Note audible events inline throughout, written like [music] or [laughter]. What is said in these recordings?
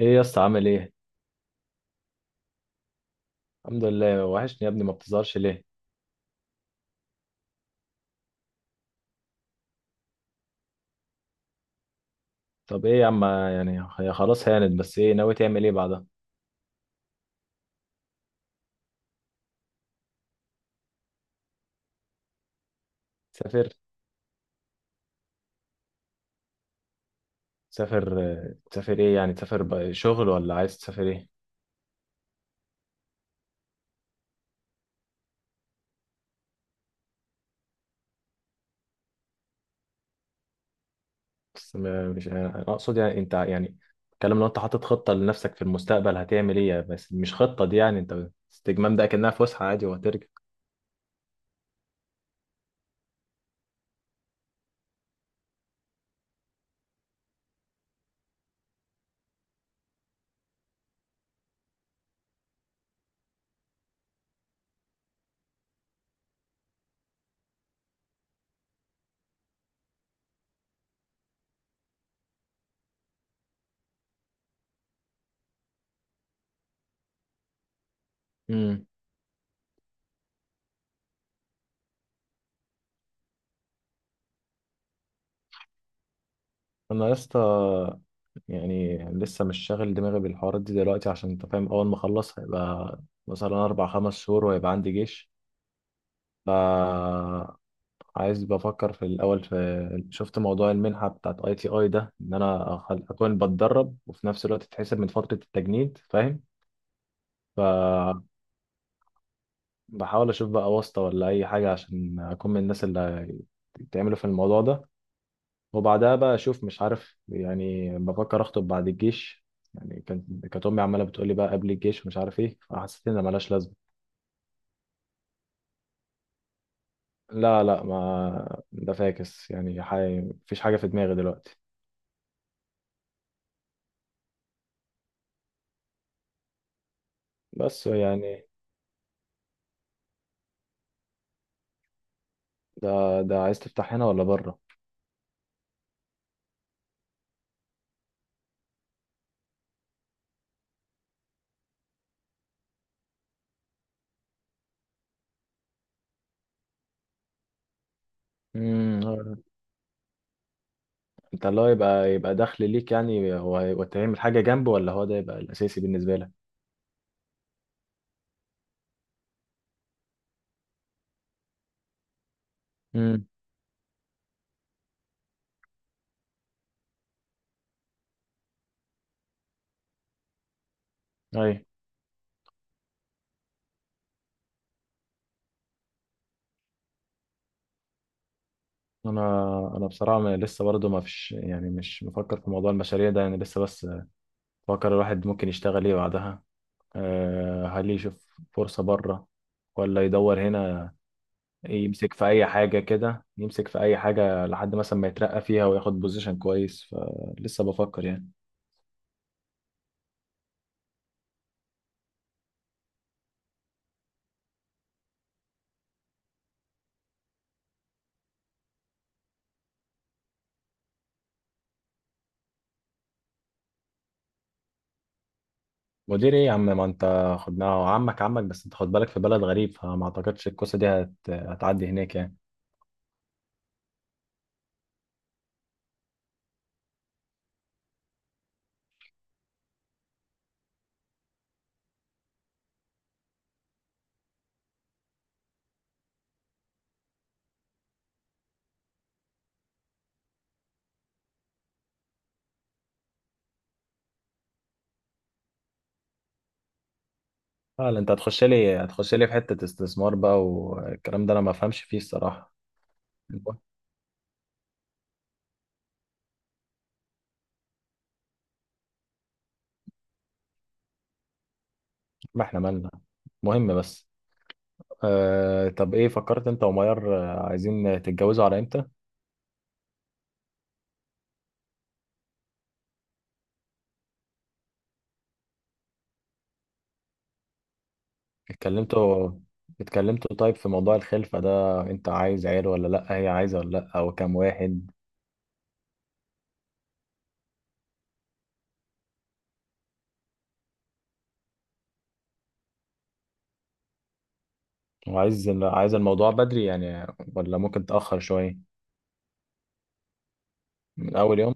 ايه يا اسطى؟ عامل ايه؟ الحمد لله، وحشني يا ابني، ما بتظهرش ليه؟ طب ايه يا عم، يعني هي خلاص هانت، بس ايه ناوي تعمل ايه بعدها؟ تسافر؟ تسافر تسافر ايه يعني؟ تسافر بقى شغل ولا عايز تسافر ايه؟ بس ما- مش انا اقصد يعني انت يعني الكلام، لو انت حاطط خطة لنفسك في المستقبل هتعمل ايه؟ بس مش خطة دي، يعني انت استجمام ده كأنها فسحة عادي وهترجع. امم. انا يا اسطى يعني لسه مش شاغل دماغي بالحوارات دي دلوقتي، عشان انت فاهم اول ما اخلص هيبقى مثلا اربع خمس شهور وهيبقى عندي جيش. فا عايز بفكر في الأول، في شفت موضوع المنحة بتاعت اي تي اي ده، إن أنا أكون بتدرب وفي نفس الوقت تتحسب من فترة التجنيد، فاهم؟ فبحاول أشوف بقى واسطة ولا أي حاجة عشان أكون من الناس اللي بتعملوا في الموضوع ده. وبعدها بقى أشوف، مش عارف، يعني بفكر أخطب بعد الجيش. يعني كانت أمي عمالة بتقولي بقى قبل الجيش ومش عارف إيه، فحسيت إن ملهاش لازمة. لا لا، ما ده فاكس، يعني مفيش حاجة في دماغي دلوقتي. بس يعني ده ده عايز تفتح هنا ولا بره؟ امم. انت اللي هو يبقى يبقى دخل ليك، يعني هو هيبقى تعمل حاجه جنبه، ولا هو ده يبقى الاساسي بالنسبه لك؟ امم. اي. انا انا بصراحه لسه برضه ما فيش يعني، مش مفكر في موضوع المشاريع ده يعني لسه، بس بفكر الواحد ممكن يشتغل ايه بعدها. أه، هل يشوف فرصه بره ولا يدور هنا. يمسك في اي حاجه كده، يمسك في اي حاجه لحد مثلا ما يترقى فيها وياخد بوزيشن كويس. فلسه بفكر يعني. مدير ايه يا عم؟ ما انت خدناه عمك عمك، بس انت خد بالك في بلد غريب، فما اعتقدش الكوسه دي هتعدي هناك يعني. اه لا، انت هتخش لي في حته استثمار بقى، والكلام ده انا ما افهمش فيه الصراحه. المهم، ما احنا مالنا. مهم بس. آه... طب ايه فكرت انت وميار؟ عايزين تتجوزوا على امتى؟ اتكلمتوا؟ اتكلمتوا طيب في موضوع الخلفه ده، انت عايز عيل ولا لا؟ هي عايزه ولا لا؟ وكم واحد؟ وعايز، عايز الموضوع بدري يعني ولا ممكن تأخر شويه؟ من اول يوم؟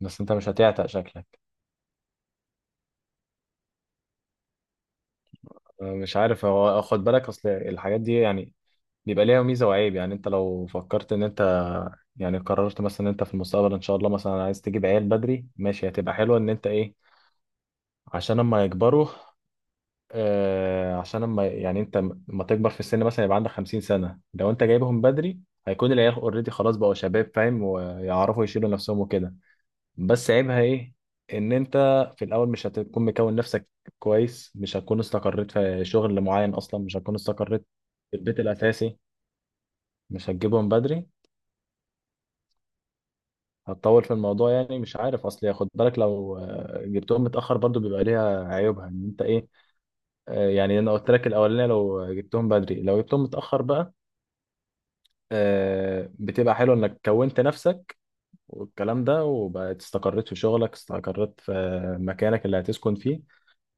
بس انت مش هتعتق شكلك؟ مش عارف هو، خد بالك اصل الحاجات دي يعني بيبقى ليها ميزه وعيب. يعني انت لو فكرت ان انت يعني قررت مثلا ان انت في المستقبل ان شاء الله مثلا عايز تجيب عيال بدري، ماشي، هتبقى حلوه ان انت ايه، عشان اما يكبروا، آه عشان اما يعني انت لما تكبر في السن مثلا، يبقى عندك 50 سنة سنه لو انت جايبهم بدري، هيكون العيال اوريدي خلاص بقوا شباب، فاهم، ويعرفوا يشيلوا نفسهم وكده. بس عيبها ايه؟ ان انت في الاول مش هتكون مكون نفسك كويس، مش هتكون استقريت في شغل معين، اصلا مش هتكون استقريت في البيت الاساسي. مش هتجيبهم بدري، هتطول في الموضوع يعني. مش عارف اصل، خد بالك لو جبتهم متاخر برضو بيبقى ليها عيوبها ان انت ايه. آه، يعني انا قلت لك الاولانيه لو جبتهم بدري، لو جبتهم متاخر بقى، آه، بتبقى حلو انك كونت نفسك والكلام ده، وبقت استقريت في شغلك، استقريت في مكانك اللي هتسكن فيه.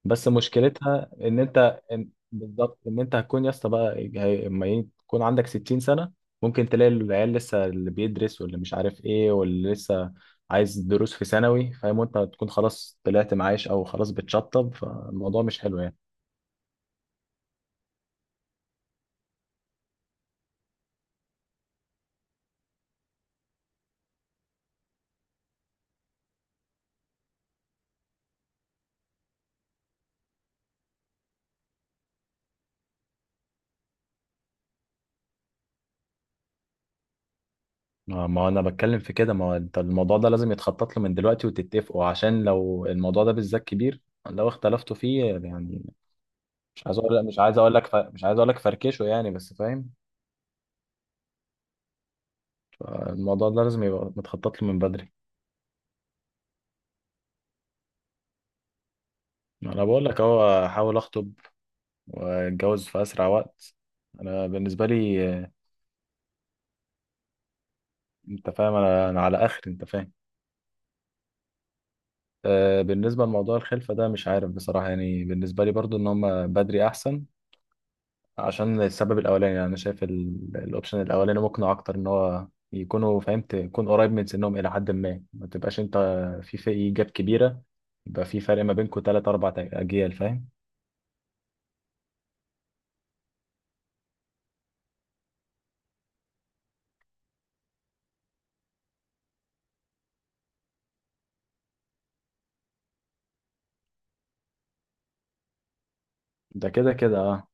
بس مشكلتها ان انت، إن بالظبط، ان انت هتكون يا اسطى بقى يكون عندك 60 سنة سنه، ممكن تلاقي العيال لسه اللي بيدرس واللي مش عارف ايه واللي لسه عايز دروس في ثانوي، فاهم، وانت تكون خلاص طلعت معاش او خلاص بتشطب، فالموضوع مش حلو يعني. ما انا بتكلم في كده، ما هو انت الموضوع ده لازم يتخطط له من دلوقتي وتتفقوا، عشان لو الموضوع ده بالذات كبير لو اختلفتوا فيه يعني. مش عايز اقول لك مش عايز اقول لك ف... مش عايز اقول لك فركشه يعني، بس فاهم. الموضوع ده لازم يبقى متخطط له من بدري. ما انا بقول لك اهو، احاول اخطب واتجوز في اسرع وقت. انا بالنسبه لي آه، انت فاهم انا، انا على اخر، انت فاهم. آه، بالنسبه لموضوع الخلفه ده مش عارف بصراحه، يعني بالنسبه لي برضو ان هم بدري احسن، عشان السبب الاولاني، يعني انا شايف الاوبشن الاولاني مقنع اكتر، ان هو يكونوا فهمت يكون قريب من سنهم الى حد ما، ما تبقاش انت في جاب كبيره، يبقى في فرق ما بينكم 3 4 اجيال، فاهم. ده كده كده اه.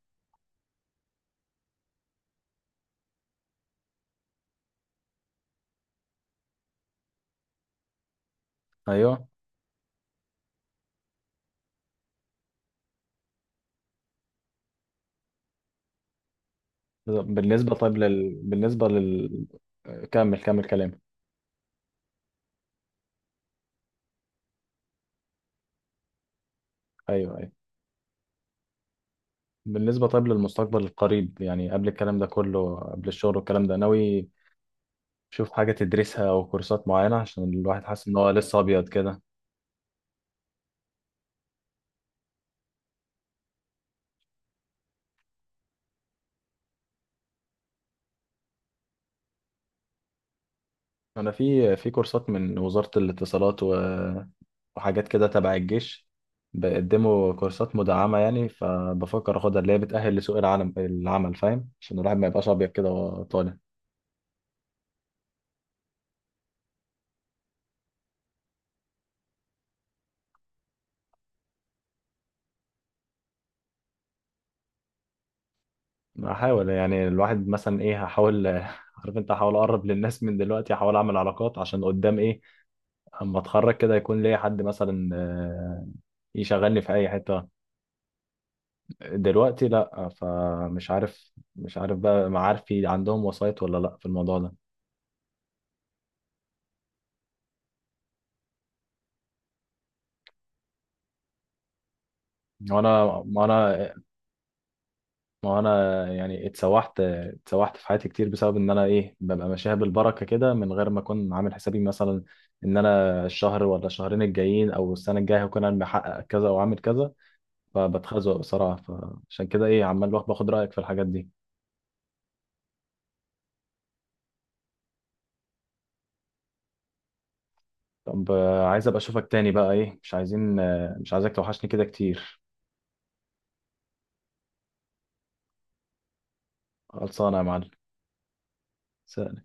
ايوه. بالنسبة طيب بالنسبة لل كمل كمل كلام. أيوه أيوه، بالنسبة طيب للمستقبل القريب يعني، قبل الكلام ده كله، قبل الشغل والكلام ده، ناوي تشوف حاجة تدرسها أو كورسات معينة؟ عشان الواحد حاسس إن هو لسه أبيض كده. أنا في كورسات من وزارة الاتصالات و... وحاجات كده تبع الجيش، بيقدموا كورسات مدعمة يعني، فبفكر أخدها، اللي هي بتأهل لسوق العالم العمل، فاهم، عشان الواحد ما يبقاش أبيض كده وهو طالع. هحاول يعني الواحد مثلا ايه، هحاول [laughs] عارف انت، هحاول اقرب للناس من دلوقتي، هحاول اعمل علاقات عشان قدام ايه، اما اتخرج كده يكون ليا حد مثلا آه، يشغلني في اي حتة. دلوقتي لا، فمش عارف، مش عارف بقى معارفي عندهم وسايط ولا لا في الموضوع ده. وانا ما انا ما انا يعني اتسوحت في حياتي كتير بسبب ان انا ايه، ببقى ماشيها بالبركة كده من غير ما اكون عامل حسابي مثلا ان انا الشهر ولا الشهرين الجايين او السنة الجاية هكون انا محقق كذا او عامل كذا. فبتخزق بصراحة، فعشان كده ايه عمال باخد رأيك في الحاجات دي. طب آه، عايز ابقى اشوفك تاني بقى ايه، مش عايزين آه، مش عايزك توحشني كده كتير. خلصانة يا معلم. سلام.